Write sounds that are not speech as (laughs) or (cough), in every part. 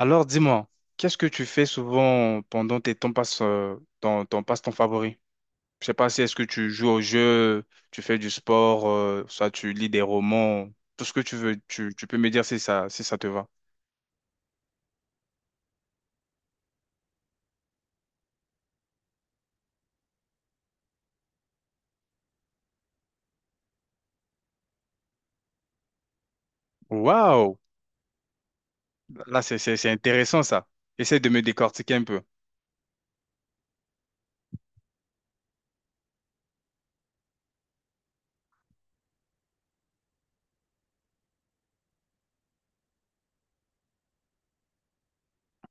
Alors dis-moi, qu'est-ce que tu fais souvent pendant tes temps passe, ton, passe-temps favori? Je sais pas si est-ce que tu joues au jeu, tu fais du sport, soit tu lis des romans, tout ce que tu veux, tu peux me dire si ça, si ça te va. Waouh! Là, c'est intéressant ça. Essaye de me décortiquer un peu.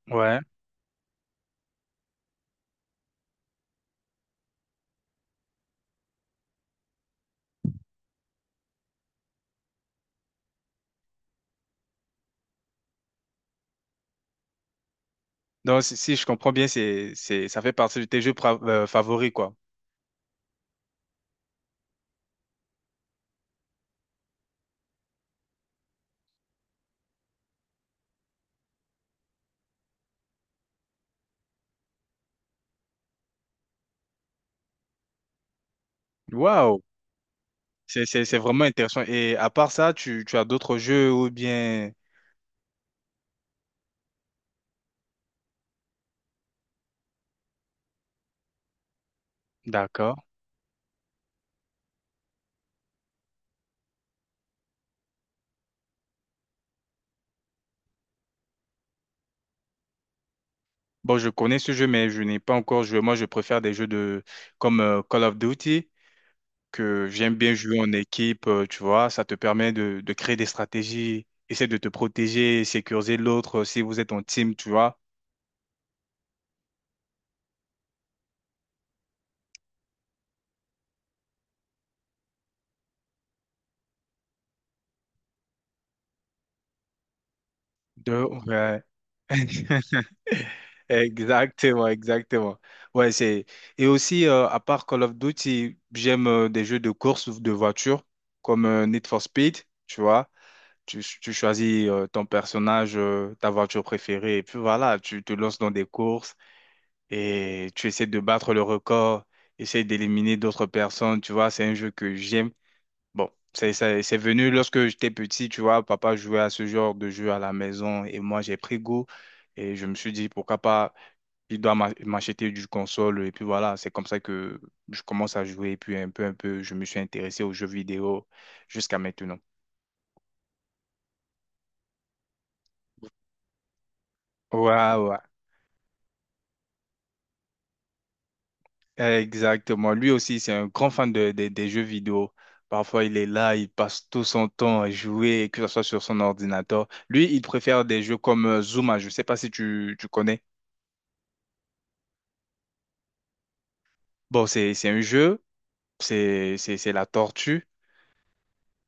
Ouais. Donc si, si je comprends bien, ça fait partie de tes jeux favoris, quoi. Waouh! C'est vraiment intéressant. Et à part ça, tu as d'autres jeux ou bien... D'accord. Bon, je connais ce jeu, mais je n'ai pas encore joué. Moi, je préfère des jeux de comme Call of Duty, que j'aime bien jouer en équipe, tu vois. Ça te permet de créer des stratégies, essayer de te protéger, sécuriser l'autre si vous êtes en team, tu vois. De... ouais. (laughs) Exactement, exactement. Ouais, c'est... Et aussi, à part Call of Duty, j'aime des jeux de course ou de voiture, comme Need for Speed, tu vois. Tu choisis ton personnage, ta voiture préférée, et puis voilà, tu te lances dans des courses et tu essaies de battre le record, essaies d'éliminer d'autres personnes, tu vois. C'est un jeu que j'aime. Bon, c'est venu lorsque j'étais petit, tu vois. Papa jouait à ce genre de jeu à la maison et moi, j'ai pris goût. Et je me suis dit, pourquoi pas il doit m'acheter du console et puis voilà, c'est comme ça que je commence à jouer et puis un peu, je me suis intéressé aux jeux vidéo jusqu'à maintenant. Ouais, ouais, exactement. Lui aussi, c'est un grand fan de, des jeux vidéo. Parfois, il est là, il passe tout son temps à jouer, que ce soit sur son ordinateur. Lui, il préfère des jeux comme Zuma, je ne sais pas si tu connais. Bon, c'est un jeu, c'est la tortue.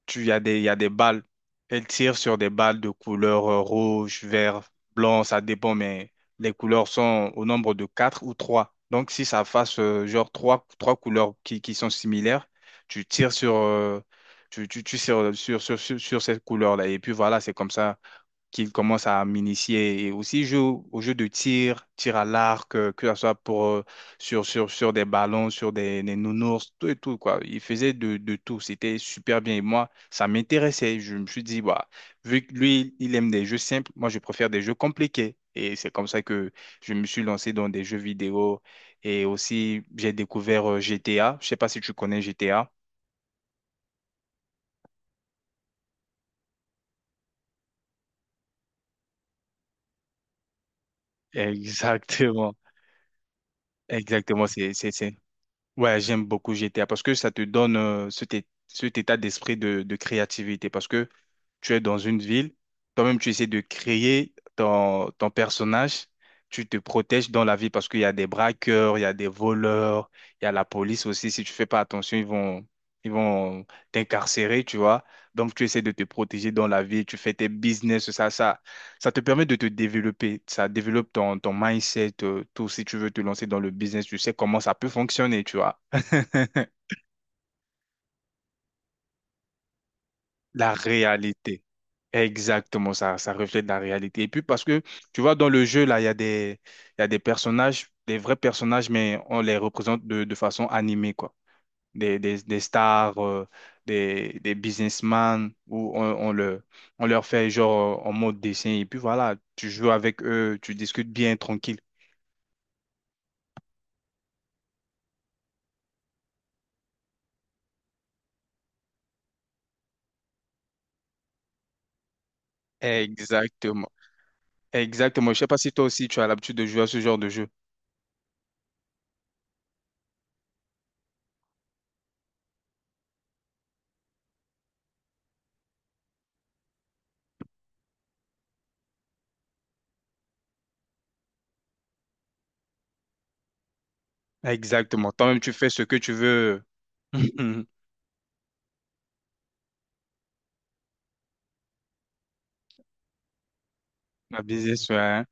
Tu y a des balles. Elle tire sur des balles de couleur rouge, vert, blanc, ça dépend, mais les couleurs sont au nombre de quatre ou trois. Donc, si ça fasse genre trois, trois couleurs qui sont similaires, tu tires sur, tu tires sur cette couleur-là. Et puis voilà, c'est comme ça qu'il commence à m'initier et aussi joue au jeu de tir, tir à l'arc, que ce soit pour, sur des ballons, sur des nounours, tout et tout, quoi. Il faisait de tout, c'était super bien. Et moi, ça m'intéressait. Je me suis dit, bah, vu que lui, il aime des jeux simples, moi, je préfère des jeux compliqués. Et c'est comme ça que je me suis lancé dans des jeux vidéo. Et aussi, j'ai découvert GTA. Je sais pas si tu connais GTA. Exactement. Exactement, Ouais, j'aime beaucoup GTA parce que ça te donne cet état d'esprit de créativité. Parce que tu es dans une ville, toi-même tu essaies de créer ton, ton personnage, tu te protèges dans la ville parce qu'il y a des braqueurs, il y a des voleurs, il y a la police aussi, si tu fais pas attention, ils vont t'incarcérer, tu vois. Donc tu essaies de te protéger dans la ville, tu fais tes business, ça te permet de te développer, ça développe ton, ton mindset, tout, si tu veux te lancer dans le business, tu sais comment ça peut fonctionner, tu vois. (laughs) La réalité. Exactement, ça reflète la réalité. Et puis parce que, tu vois, dans le jeu, là, il y a des personnages, des vrais personnages, mais on les représente de façon animée, quoi. Des stars, des businessmen, où on, le, on leur fait genre en mode dessin. Et puis voilà, tu joues avec eux, tu discutes bien, tranquille. Exactement. Exactement. Je sais pas si toi aussi, tu as l'habitude de jouer à ce genre de jeu. Exactement. Toi-même, tu fais ce que tu veux. (laughs) Ma business, ouais, hein.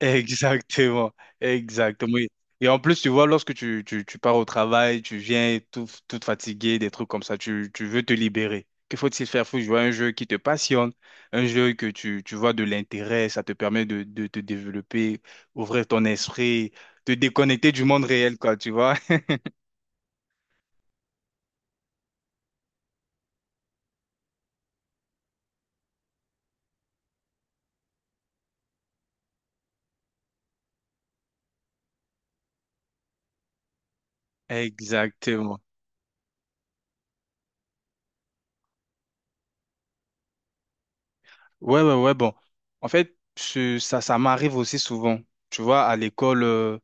Exactement, exactement. Et en plus, tu vois, lorsque tu pars au travail, tu viens tout, tout fatigué, des trucs comme ça, tu veux te libérer. Que faut-il faire? Faut jouer à un jeu qui te passionne, un jeu que tu vois de l'intérêt, ça te permet de te développer, ouvrir ton esprit, te déconnecter du monde réel, quoi, tu vois. (laughs) Exactement. Ouais, ouais, ouais, bon. En fait, ça m'arrive aussi souvent. Tu vois, à l'école.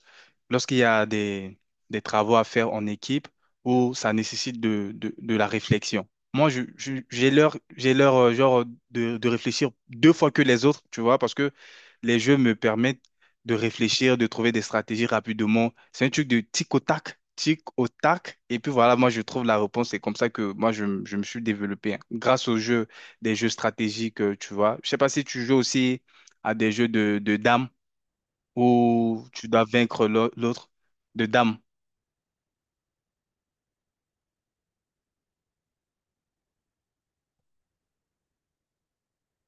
Lorsqu'il y a des travaux à faire en équipe où ça nécessite de la réflexion. Moi, j'ai l'heure, genre, de réfléchir deux fois que les autres, tu vois, parce que les jeux me permettent de réfléchir, de trouver des stratégies rapidement. C'est un truc de tic au tac, tic au tac. Et puis voilà, moi, je trouve la réponse. C'est comme ça que moi, je me suis développé, hein, grâce aux jeux, des jeux stratégiques, tu vois. Je sais pas si tu joues aussi à des jeux de dames où tu dois vaincre l'autre de dame.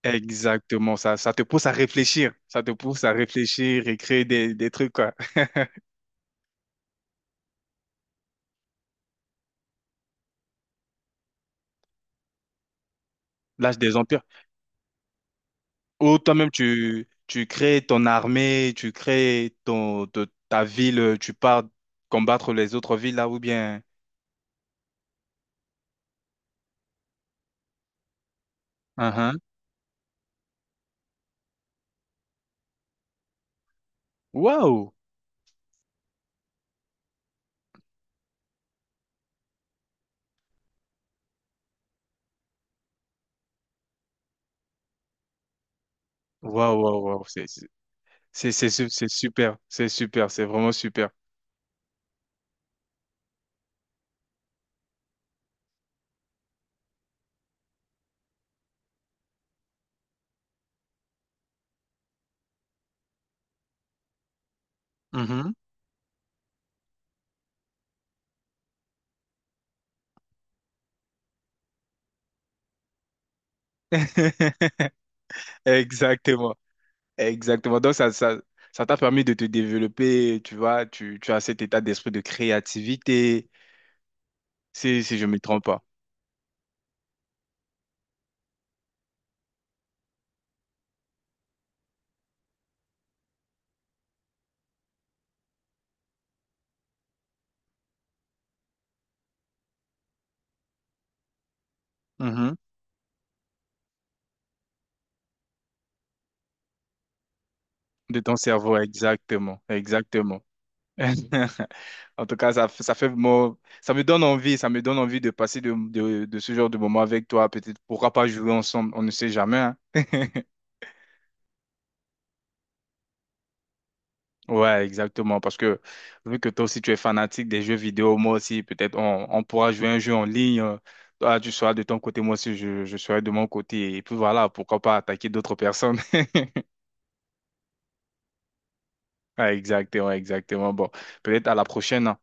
Exactement, ça te pousse à réfléchir, ça te pousse à réfléchir et créer des trucs, quoi. (laughs) L'âge des empires. Ou toi-même, tu crées ton armée, tu crées ton, ta ville, tu pars combattre les autres villes là, ou bien. Uhum. Waouh! Waouh, waouh, waouh, c'est super, c'est super, c'est vraiment super. Mhm. (laughs) Exactement. Exactement. Donc, ça t'a permis de te développer, tu vois, tu as cet état d'esprit de créativité, si, si je ne me trompe pas. Mhm. De ton cerveau, exactement, exactement. (laughs) En tout cas, ça fait, ça me donne envie, ça me donne envie de passer de, de ce genre de moment avec toi. Peut-être, pourra pas jouer ensemble, on ne sait jamais, hein. (laughs) Ouais, exactement. Parce que vu que toi aussi tu es fanatique des jeux vidéo, moi aussi, peut-être on pourra jouer un jeu en ligne. Toi, tu seras de ton côté, moi aussi, je serai de mon côté. Et puis voilà, pourquoi pas attaquer d'autres personnes. (laughs) Ouais, exactement, exactement. Bon, peut-être à la prochaine, hein.